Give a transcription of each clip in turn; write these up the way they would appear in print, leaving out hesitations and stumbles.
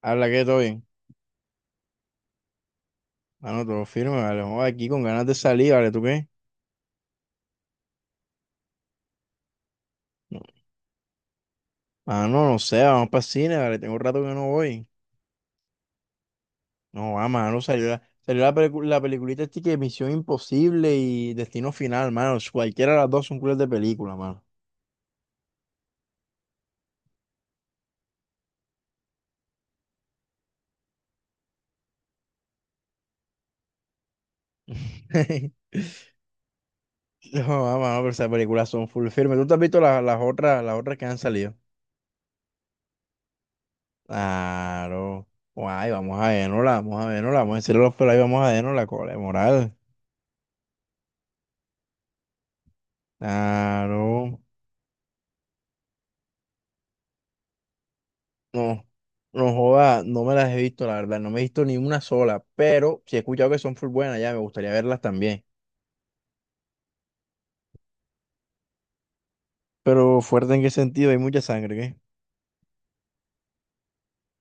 Habla que todo bien. Mano, todo firme, vale. Vamos aquí con ganas de salir, vale. ¿Tú qué? No. Mano, no sé, vamos para cine, vale. Tengo rato que no voy. No, va, mano, la peliculita este que Misión Imposible y Destino Final, mano. Cualquiera de las dos son culas de película, mano. No, va, mano, pero esas películas son full firme. ¿Tú te has visto las otras que han salido? Claro. Guay, vamos a vernosla, vamos a vernosla, vamos a decirle a los pelos, ahí, vamos a vernos la cola de moral. Claro. No, no joda, no me las he visto, la verdad, no me he visto ni una sola, pero sí he escuchado que son full buenas, ya me gustaría verlas también. Pero fuerte en qué sentido, hay mucha sangre, ¿qué?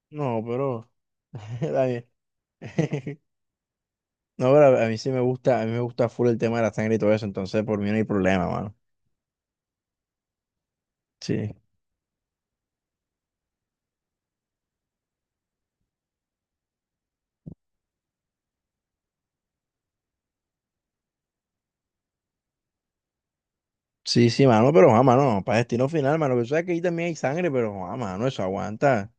No, pero está bien. No, pero a mí sí me gusta, a mí me gusta full el tema de la sangre y todo eso, entonces por mí no hay problema, mano. Sí. Sí, sí, mano, pero ah, mano, para destino final, mano, que tú sabes que ahí también hay sangre, pero ah, mano, eso aguanta.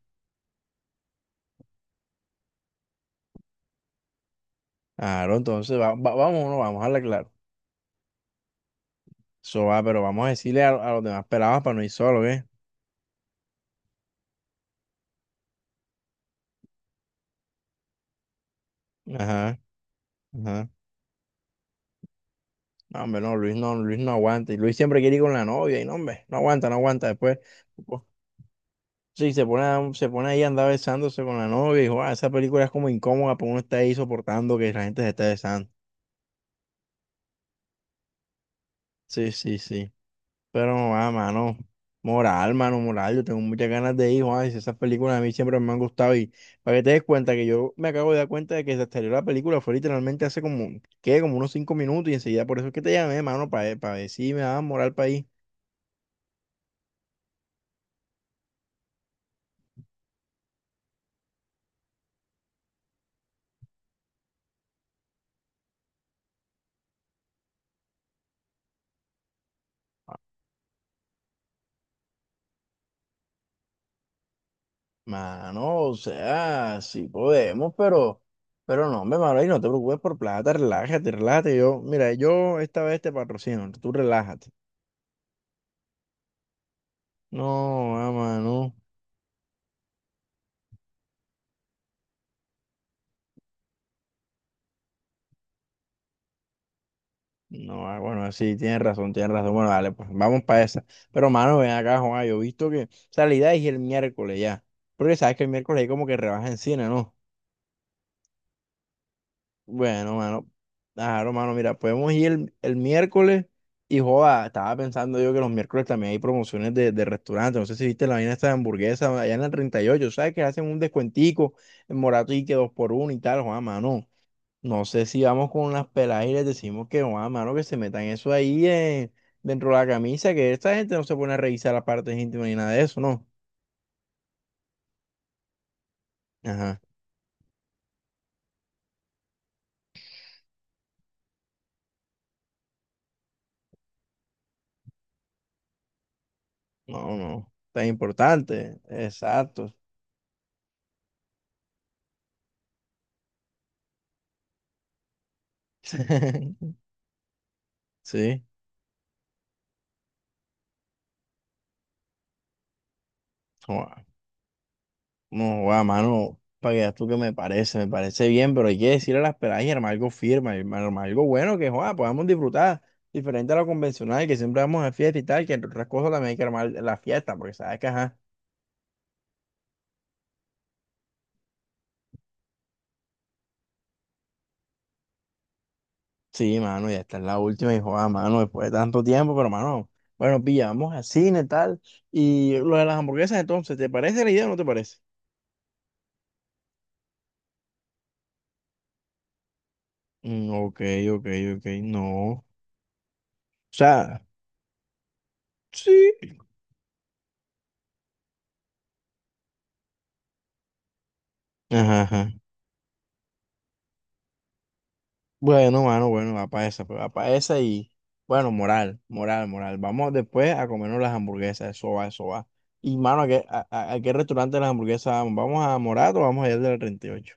Claro, entonces vamos o no, vamos a hablar claro. Eso va, pero vamos a decirle a los demás pelados para no ir solo, ¿qué? Ajá. Ajá. No, hombre, no, Luis no, Luis no aguanta. Y Luis siempre quiere ir con la novia, y no, hombre, no aguanta, no aguanta. Después, pues, sí, se pone, se pone ahí a andar besándose con la novia, y dijo, ah, esa película es como incómoda, porque uno está ahí soportando que la gente se esté besando. Sí, sí, sí. Pero no va, mano. Moral, mano, moral. Yo tengo muchas ganas de ir, Juan. Y esas películas a mí siempre me han gustado. Y para que te des cuenta que yo me acabo de dar cuenta de que se salió la película, fue literalmente hace como, ¿qué? Como unos cinco minutos, y enseguida por eso es que te llamé, mano, para ver si me daban moral para ir. Mano, o sea, sí podemos, pero no, hombre, mano, y no te preocupes por plata, relájate, relájate. Yo, mira, yo esta vez te patrocino, tú relájate. No, ah, mano, no, ah, bueno, ah, sí, tienes razón, tienes razón. Bueno, dale, pues vamos para esa. Pero, mano, ven acá, Juan, yo he visto que, o sea, la idea es ir el miércoles ya, porque sabes que el miércoles hay como que rebaja en cine, ¿no? Bueno, mano, claro, mano, mira, podemos ir el miércoles y joda, estaba pensando yo que los miércoles también hay promociones de restaurantes, no sé si viste la vaina esta de hamburguesa allá en el treinta y ocho, ¿sabes? Que hacen un descuentico en Morato y que dos por uno y tal, joda, mano, no sé si vamos con las peladas y les decimos que, joda, mano, que se metan eso ahí dentro de la camisa, que esta gente no se pone a revisar las partes íntimas ni nada de eso, ¿no? Ajá, no, no, tan importante, exacto, sí. No, guau, mano, para que veas tú que me parece bien, pero hay que decirle a las peladas y armar algo firme, armar algo bueno que, joda, podamos disfrutar, diferente a lo convencional, que siempre vamos a fiesta y tal, que entre otras cosas también hay que armar la fiesta, porque sabes que, ajá, sí, mano, ya está es la última y, joda, mano, después de tanto tiempo, pero, mano, bueno, pilla, vamos al cine, tal, y lo de las hamburguesas, entonces, ¿te parece la idea o no te parece? Mm, ok, ok, ok, no, o sea, sí, ajá, ajá. Bueno, mano, bueno, va para esa, pues va para esa y bueno, moral, moral, moral. Vamos después a comernos las hamburguesas, eso va, eso va. Y mano, ¿a qué, a, a qué restaurante de las hamburguesas vamos? ¿Vamos a Morato o vamos a ir del treinta y ocho?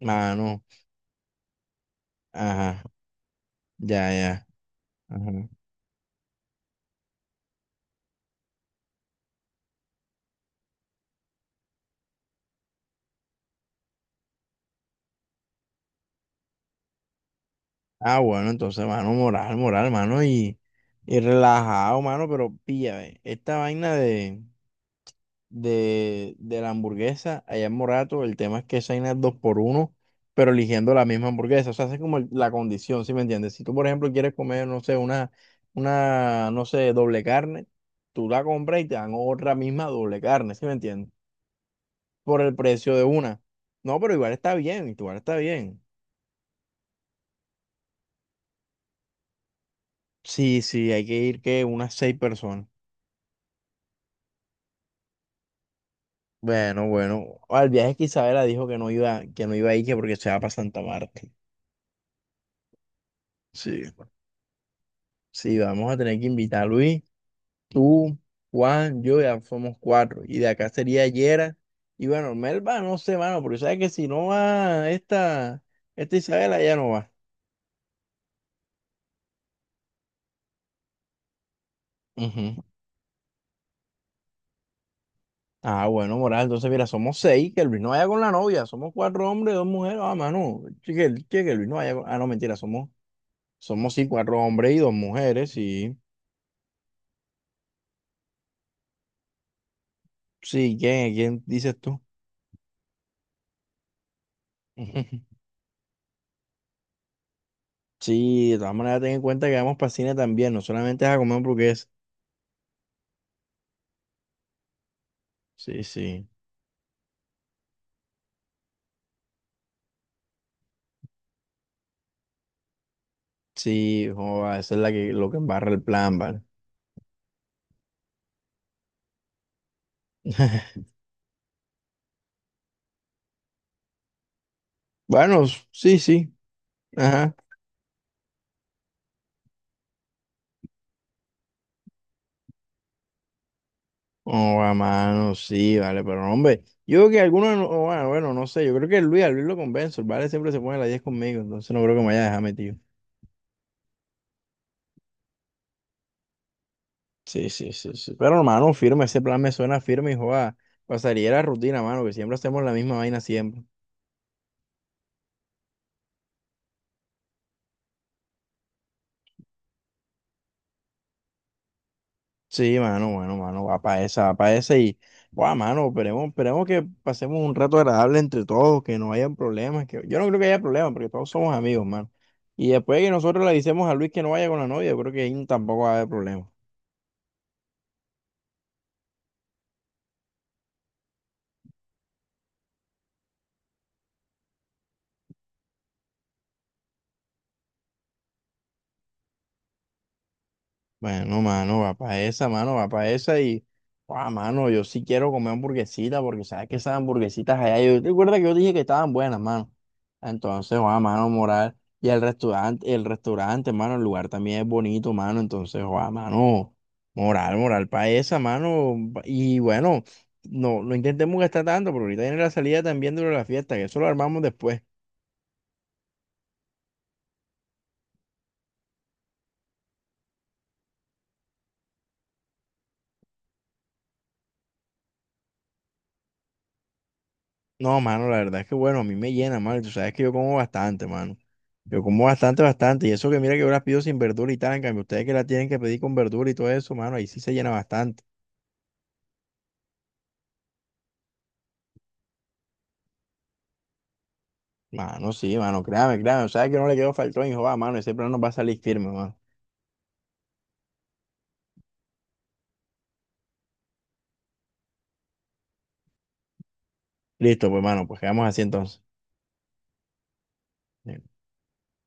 Mano, ajá, ya, ya. Ajá. Ah, bueno, entonces, mano, moral, moral, mano, y relajado, mano, pero pilla, ve, esta vaina de la hamburguesa allá en Morato. El tema es que esa vaina es dos por uno, pero eligiendo la misma hamburguesa. O sea, esa es como la condición, ¿sí me entiendes? Si tú, por ejemplo, quieres comer, no sé, una, no sé, doble carne, tú la compras y te dan otra misma doble carne, ¿sí me entiendes? Por el precio de una. No, pero igual está bien, igual está bien. Sí, sí, hay que ir que unas seis personas. Bueno, bueno. Al viaje que Isabela dijo que no iba a ir, que porque se va para Santa Marta. Sí. Sí, vamos a tener que invitar a Luis. Tú, Juan, yo ya somos cuatro. Y de acá sería Yera. Y bueno, Melba, no sé, mano, porque sabes que si no va esta, esta Isabela, ya no va. Ujú. Ah, bueno, Moral, entonces mira, somos seis, que Luis no vaya con la novia, somos cuatro hombres, dos mujeres, ah, mano, che, que Luis no vaya con... Ah, no, mentira, somos, somos sí, cuatro hombres y dos mujeres, sí. Sí, ¿quién, quién dices tú? Sí, de todas maneras ten en cuenta que vamos para cine también, no solamente es a comer hamburguesas. Sí, sí. Sí, joda, esa es la que, lo que embarra el plan, ¿vale? Bueno, sí, sí, ajá. Oh, a mano, sí, vale, pero no, hombre, yo creo que algunos, oh, bueno, bueno, no sé, yo creo que Luis, al Luis lo convenzo, el ¿vale? Siempre se pone a las 10 conmigo, entonces no creo que me vaya a dejar metido. Sí, sí, sí, sí. Pero hermano, firme, ese plan me suena firme y joda, pasaría la rutina, mano, que siempre hacemos la misma vaina siempre. Sí, mano, mano, mano, va para esa y, guau, mano, esperemos, esperemos que pasemos un rato agradable entre todos, que no hayan problemas, que yo no creo que haya problemas, porque todos somos amigos, mano. Y después de que nosotros le decimos a Luis que no vaya con la novia, yo creo que ahí tampoco va a haber problemas. Bueno, mano, va para esa, mano, va para esa y, ah, mano, yo sí quiero comer hamburguesita porque sabes que esas hamburguesitas allá, yo te acuerdas que yo dije que estaban buenas, mano. Entonces, ah, mano, moral. Y el restaurante, mano, el lugar también es bonito, mano. Entonces, ah, mano, moral, moral para esa, mano. Y bueno, no, no intentemos gastar tanto, porque ahorita viene la salida también de lo de la fiesta, que eso lo armamos después. No, mano, la verdad es que bueno, a mí me llena, mano. Y tú sabes que yo como bastante, mano. Yo como bastante, bastante. Y eso que mira que yo las pido sin verdura y tal. En cambio, ustedes que la tienen que pedir con verdura y todo eso, mano, ahí sí se llena bastante. Mano, sí, mano, créame, créame. O sea que no le quedó faltón, hijo, va, mano. Ese plano nos va a salir firme, mano. Listo, pues, mano, pues quedamos así entonces.